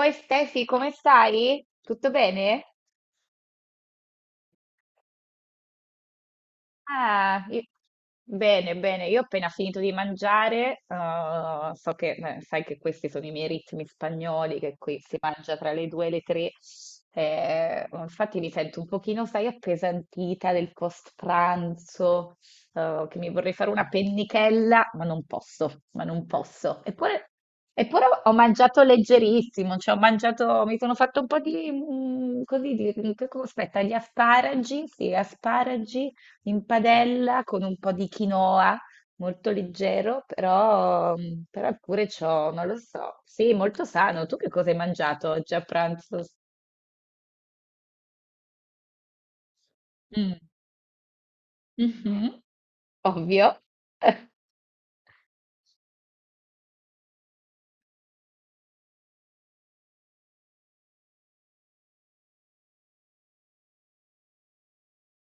Oi Stefi, come stai? Tutto bene? Ah, i- bene, bene, io ho appena finito di mangiare, sai che questi sono i miei ritmi spagnoli, che qui si mangia tra le due e le tre, oh, infatti mi sento un pochino, sai, appesantita del post pranzo, che mi vorrei fare una pennichella, ma non posso, ma non posso. Eppure ho mangiato leggerissimo, cioè ho mangiato, mi sono fatto un po' di, così, aspetta, gli asparagi, sì, asparagi in padella con un po' di quinoa, molto leggero, però pure ciò, non lo so. Sì, molto sano. Tu che cosa hai mangiato oggi a pranzo? Mm. Mhm. Ovvio.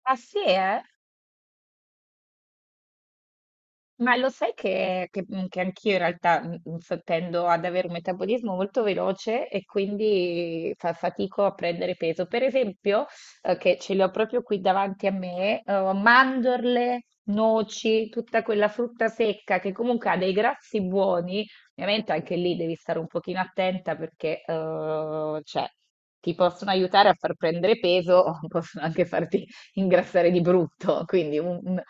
Ah sì, eh? Ma lo sai che anch'io in realtà tendo ad avere un metabolismo molto veloce e quindi fa fatico a prendere peso. Per esempio, che ce le ho proprio qui davanti a me, mandorle, noci, tutta quella frutta secca che comunque ha dei grassi buoni. Ovviamente anche lì devi stare un pochino attenta perché cioè, ti possono aiutare a far prendere peso, possono anche farti ingrassare di brutto, quindi un,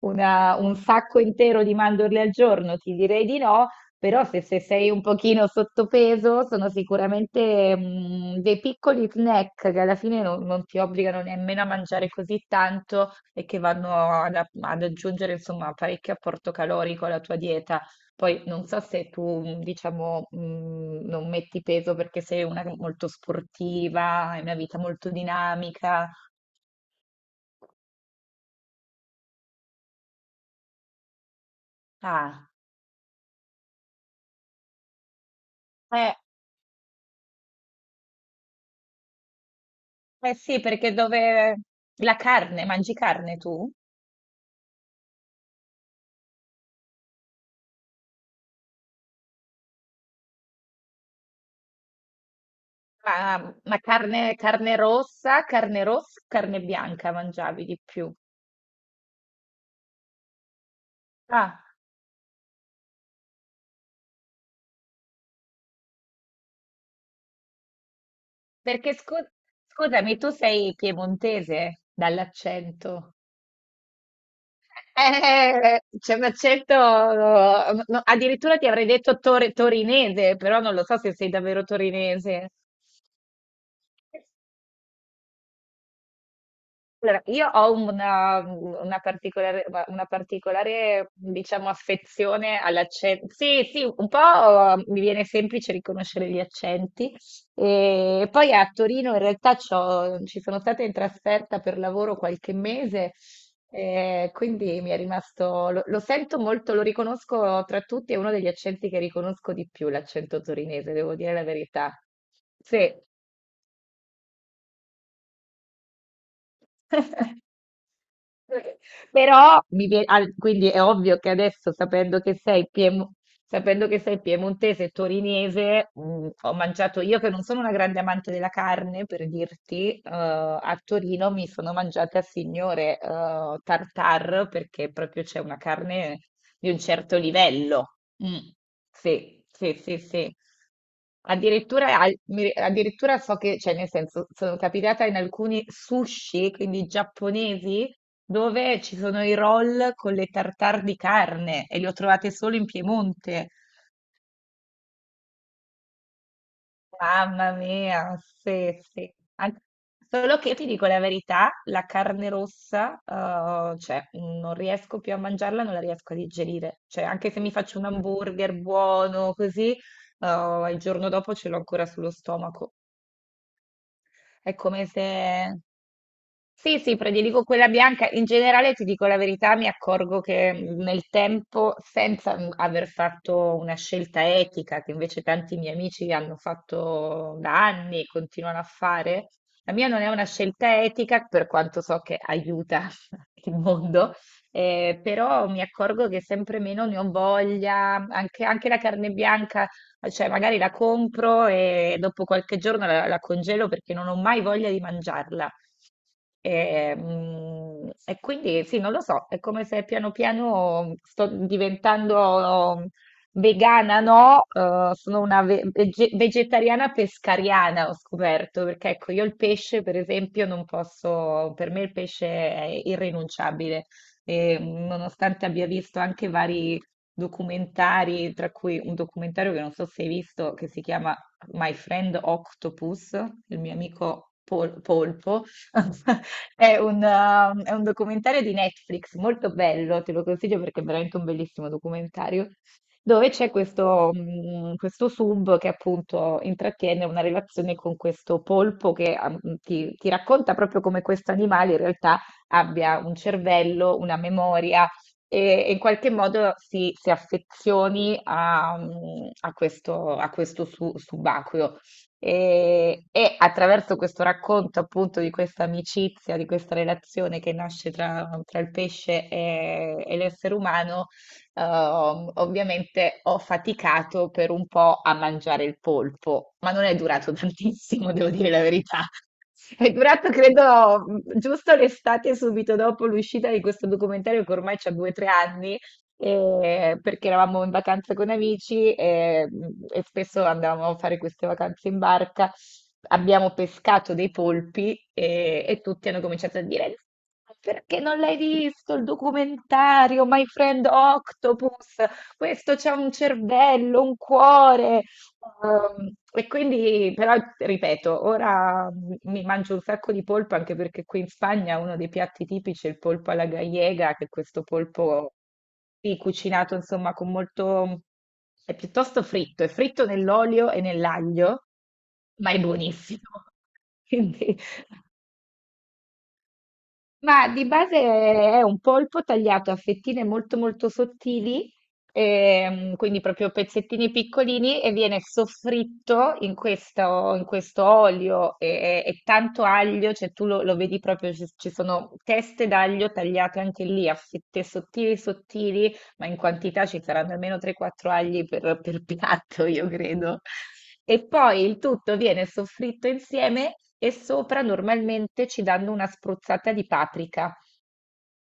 una- un sacco intero di mandorle al giorno, ti direi di no, però se sei un pochino sottopeso sono sicuramente dei piccoli snack che alla fine non ti obbligano nemmeno a mangiare così tanto e che vanno ad aggiungere insomma parecchio apporto calorico alla tua dieta. Poi non so se tu, diciamo, non metti peso perché sei una molto sportiva, hai una vita molto dinamica. Ah. eh, Eh sì, perché dove la carne, mangi carne tu? Ma carne, carne rossa, carne bianca mangiavi di più? Ah, perché scusami, tu sei piemontese dall'accento. C'è un accento, no, addirittura ti avrei detto torinese, però non lo so se sei davvero torinese. Allora, io ho una particolare, diciamo, affezione all'accento. Sì, sì, un po' mi viene semplice riconoscere gli accenti. E poi a Torino in realtà ci sono stata in trasferta per lavoro qualche mese, quindi mi è rimasto, lo sento molto, lo riconosco tra tutti, è uno degli accenti che riconosco di più, l'accento torinese, devo dire la verità. Sì. Però quindi è ovvio che adesso, sapendo che sei piemontese e torinese, ho mangiato io che non sono una grande amante della carne, per dirti, a Torino mi sono mangiata signore tartar perché proprio c'è una carne di un certo livello. Mm. Sì, sì, sì, sì. Addirittura, so che, cioè nel senso, sono capitata in alcuni sushi, quindi giapponesi, dove ci sono i roll con le tartare di carne e li ho trovate solo in Piemonte. Mamma mia, sì, sì. Solo che io ti dico la verità, la carne rossa, cioè, non riesco più a mangiarla, non la riesco a digerire. Cioè, anche se mi faccio un hamburger buono, così, il giorno dopo ce l'ho ancora sullo stomaco. È come se. Sì, sì, prediligo quella bianca. In generale, ti dico la verità, mi accorgo che nel tempo, senza aver fatto una scelta etica, che invece tanti miei amici hanno fatto da anni e continuano a fare, la mia non è una scelta etica, per quanto so che aiuta il mondo, però mi accorgo che sempre meno ne ho voglia, anche, anche la carne bianca, cioè magari la compro e dopo qualche giorno la congelo perché non ho mai voglia di mangiarla. E quindi sì, non lo so, è come se piano piano sto diventando vegana, no? Sono una vegetariana pescariana, ho scoperto, perché ecco, io il pesce, per esempio, non posso, per me il pesce è irrinunciabile. E, nonostante abbia visto anche vari documentari, tra cui un documentario che non so se hai visto, che si chiama My Friend Octopus, il mio amico polpo. È un documentario di Netflix molto bello, te lo consiglio perché è veramente un bellissimo documentario, dove c'è questo sub che appunto intrattiene una relazione con questo polpo che ti racconta proprio come questo animale in realtà abbia un cervello, una memoria e in qualche modo si affezioni a questo subacqueo. E attraverso questo racconto appunto di questa amicizia, di questa relazione che nasce tra il pesce e l'essere umano, ovviamente ho faticato per un po' a mangiare il polpo, ma non è durato tantissimo, devo dire la verità. È durato, credo, giusto l'estate subito dopo l'uscita di questo documentario che ormai c'ha due o tre anni, perché eravamo in vacanza con amici e, spesso andavamo a fare queste vacanze in barca. Abbiamo pescato dei polpi e tutti hanno cominciato a dire: "No, perché non l'hai visto il documentario My Friend Octopus? Questo c'ha un cervello, un cuore." E quindi, però, ripeto, ora mi mangio un sacco di polpo anche perché qui in Spagna uno dei piatti tipici è il polpo alla gallega, che è questo polpo sì, cucinato insomma con molto. È piuttosto fritto, è fritto nell'olio e nell'aglio, ma è buonissimo. Quindi ma di base è un polpo tagliato a fettine molto molto sottili, quindi proprio pezzettini piccolini e viene soffritto in questo olio e tanto aglio, cioè tu lo, lo vedi proprio, ci sono teste d'aglio tagliate anche lì a fette sottili sottili ma in quantità ci saranno almeno 3-4 agli per piatto, io credo. E poi il tutto viene soffritto insieme e sopra normalmente ci danno una spruzzata di paprika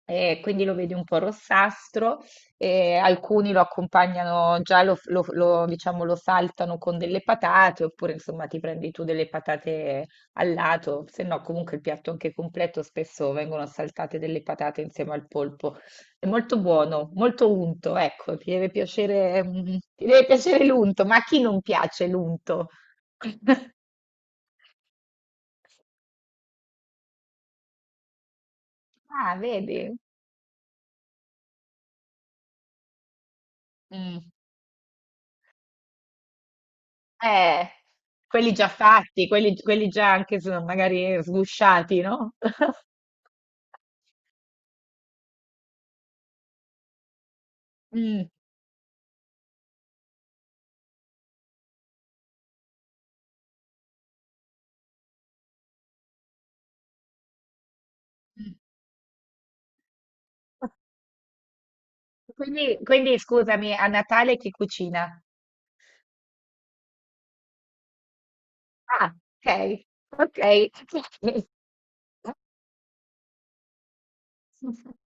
e quindi lo vedi un po' rossastro, e alcuni lo accompagnano già, diciamo, lo saltano con delle patate, oppure insomma ti prendi tu delle patate al lato, se no comunque il piatto anche completo spesso vengono saltate delle patate insieme al polpo. È molto buono, molto unto, ecco, ti deve piacere, ti deve piacere l'unto, ma a chi non piace l'unto? Ah, vedi? Mm. Eh, quelli già fatti, quelli già anche magari sgusciati, no? Mm. Quindi, scusami, a Natale chi cucina? Ah, ok, ok.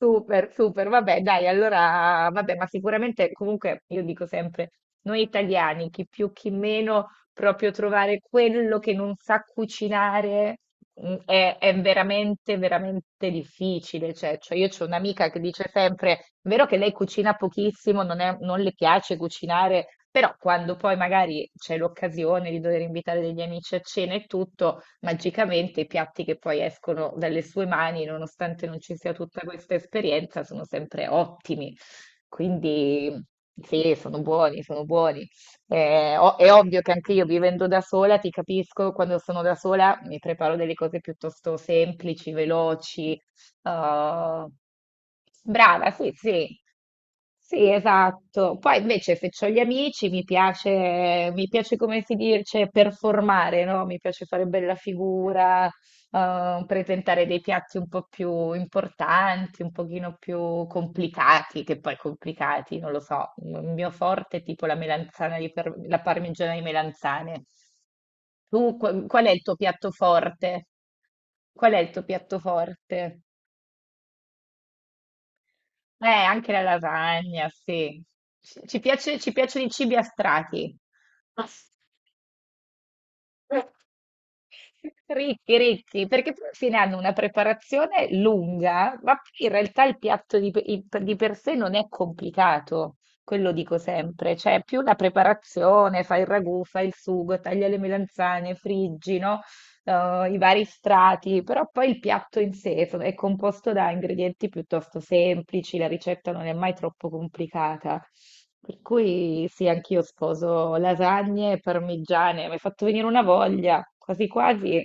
Super, super, vabbè, dai, allora, vabbè, ma sicuramente comunque io dico sempre, noi italiani, chi più chi meno, proprio trovare quello che non sa cucinare è veramente, veramente difficile. Cioè, io ho un'amica che dice sempre, è vero che lei cucina pochissimo, non le piace cucinare, però quando poi magari c'è l'occasione di dover invitare degli amici a cena e tutto magicamente i piatti che poi escono dalle sue mani, nonostante non ci sia tutta questa esperienza, sono sempre ottimi. Quindi sì, sono buoni, sono buoni. O- è ovvio che anche io vivendo da sola, ti capisco, quando sono da sola mi preparo delle cose piuttosto semplici, veloci, eh, brava, sì, sì. Sì, esatto. Poi invece se ho gli amici mi piace come si dice, performare, no? Mi piace fare bella figura, presentare dei piatti un po' più importanti, un pochino più complicati, che poi complicati, non lo so. Il mio forte è tipo la melanzana di par- la parmigiana di melanzane. Tu, qu- qual è il tuo piatto forte? Qual è il tuo piatto forte? Anche la lasagna, sì. Ci piace, ci piacciono i cibi a strati. Ricchi, ricchi, perché poi alla fine hanno una preparazione lunga, ma poi in realtà il piatto di per sé non è complicato, quello dico sempre, cioè è più la preparazione, fai il ragù, fai il sugo, taglia le melanzane, friggi, no? Eh, i vari strati, però poi il piatto in sé è composto da ingredienti piuttosto semplici, la ricetta non è mai troppo complicata. Per cui sì, anch'io sposo lasagne e parmigiane, mi hai fatto venire una voglia, quasi quasi,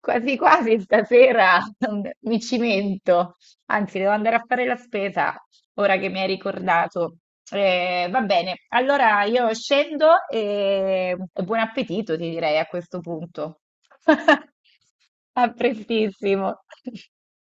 quasi quasi stasera mi cimento, anzi devo andare a fare la spesa ora che mi hai ricordato. Va bene, allora io scendo e buon appetito, ti direi a questo punto. A prestissimo.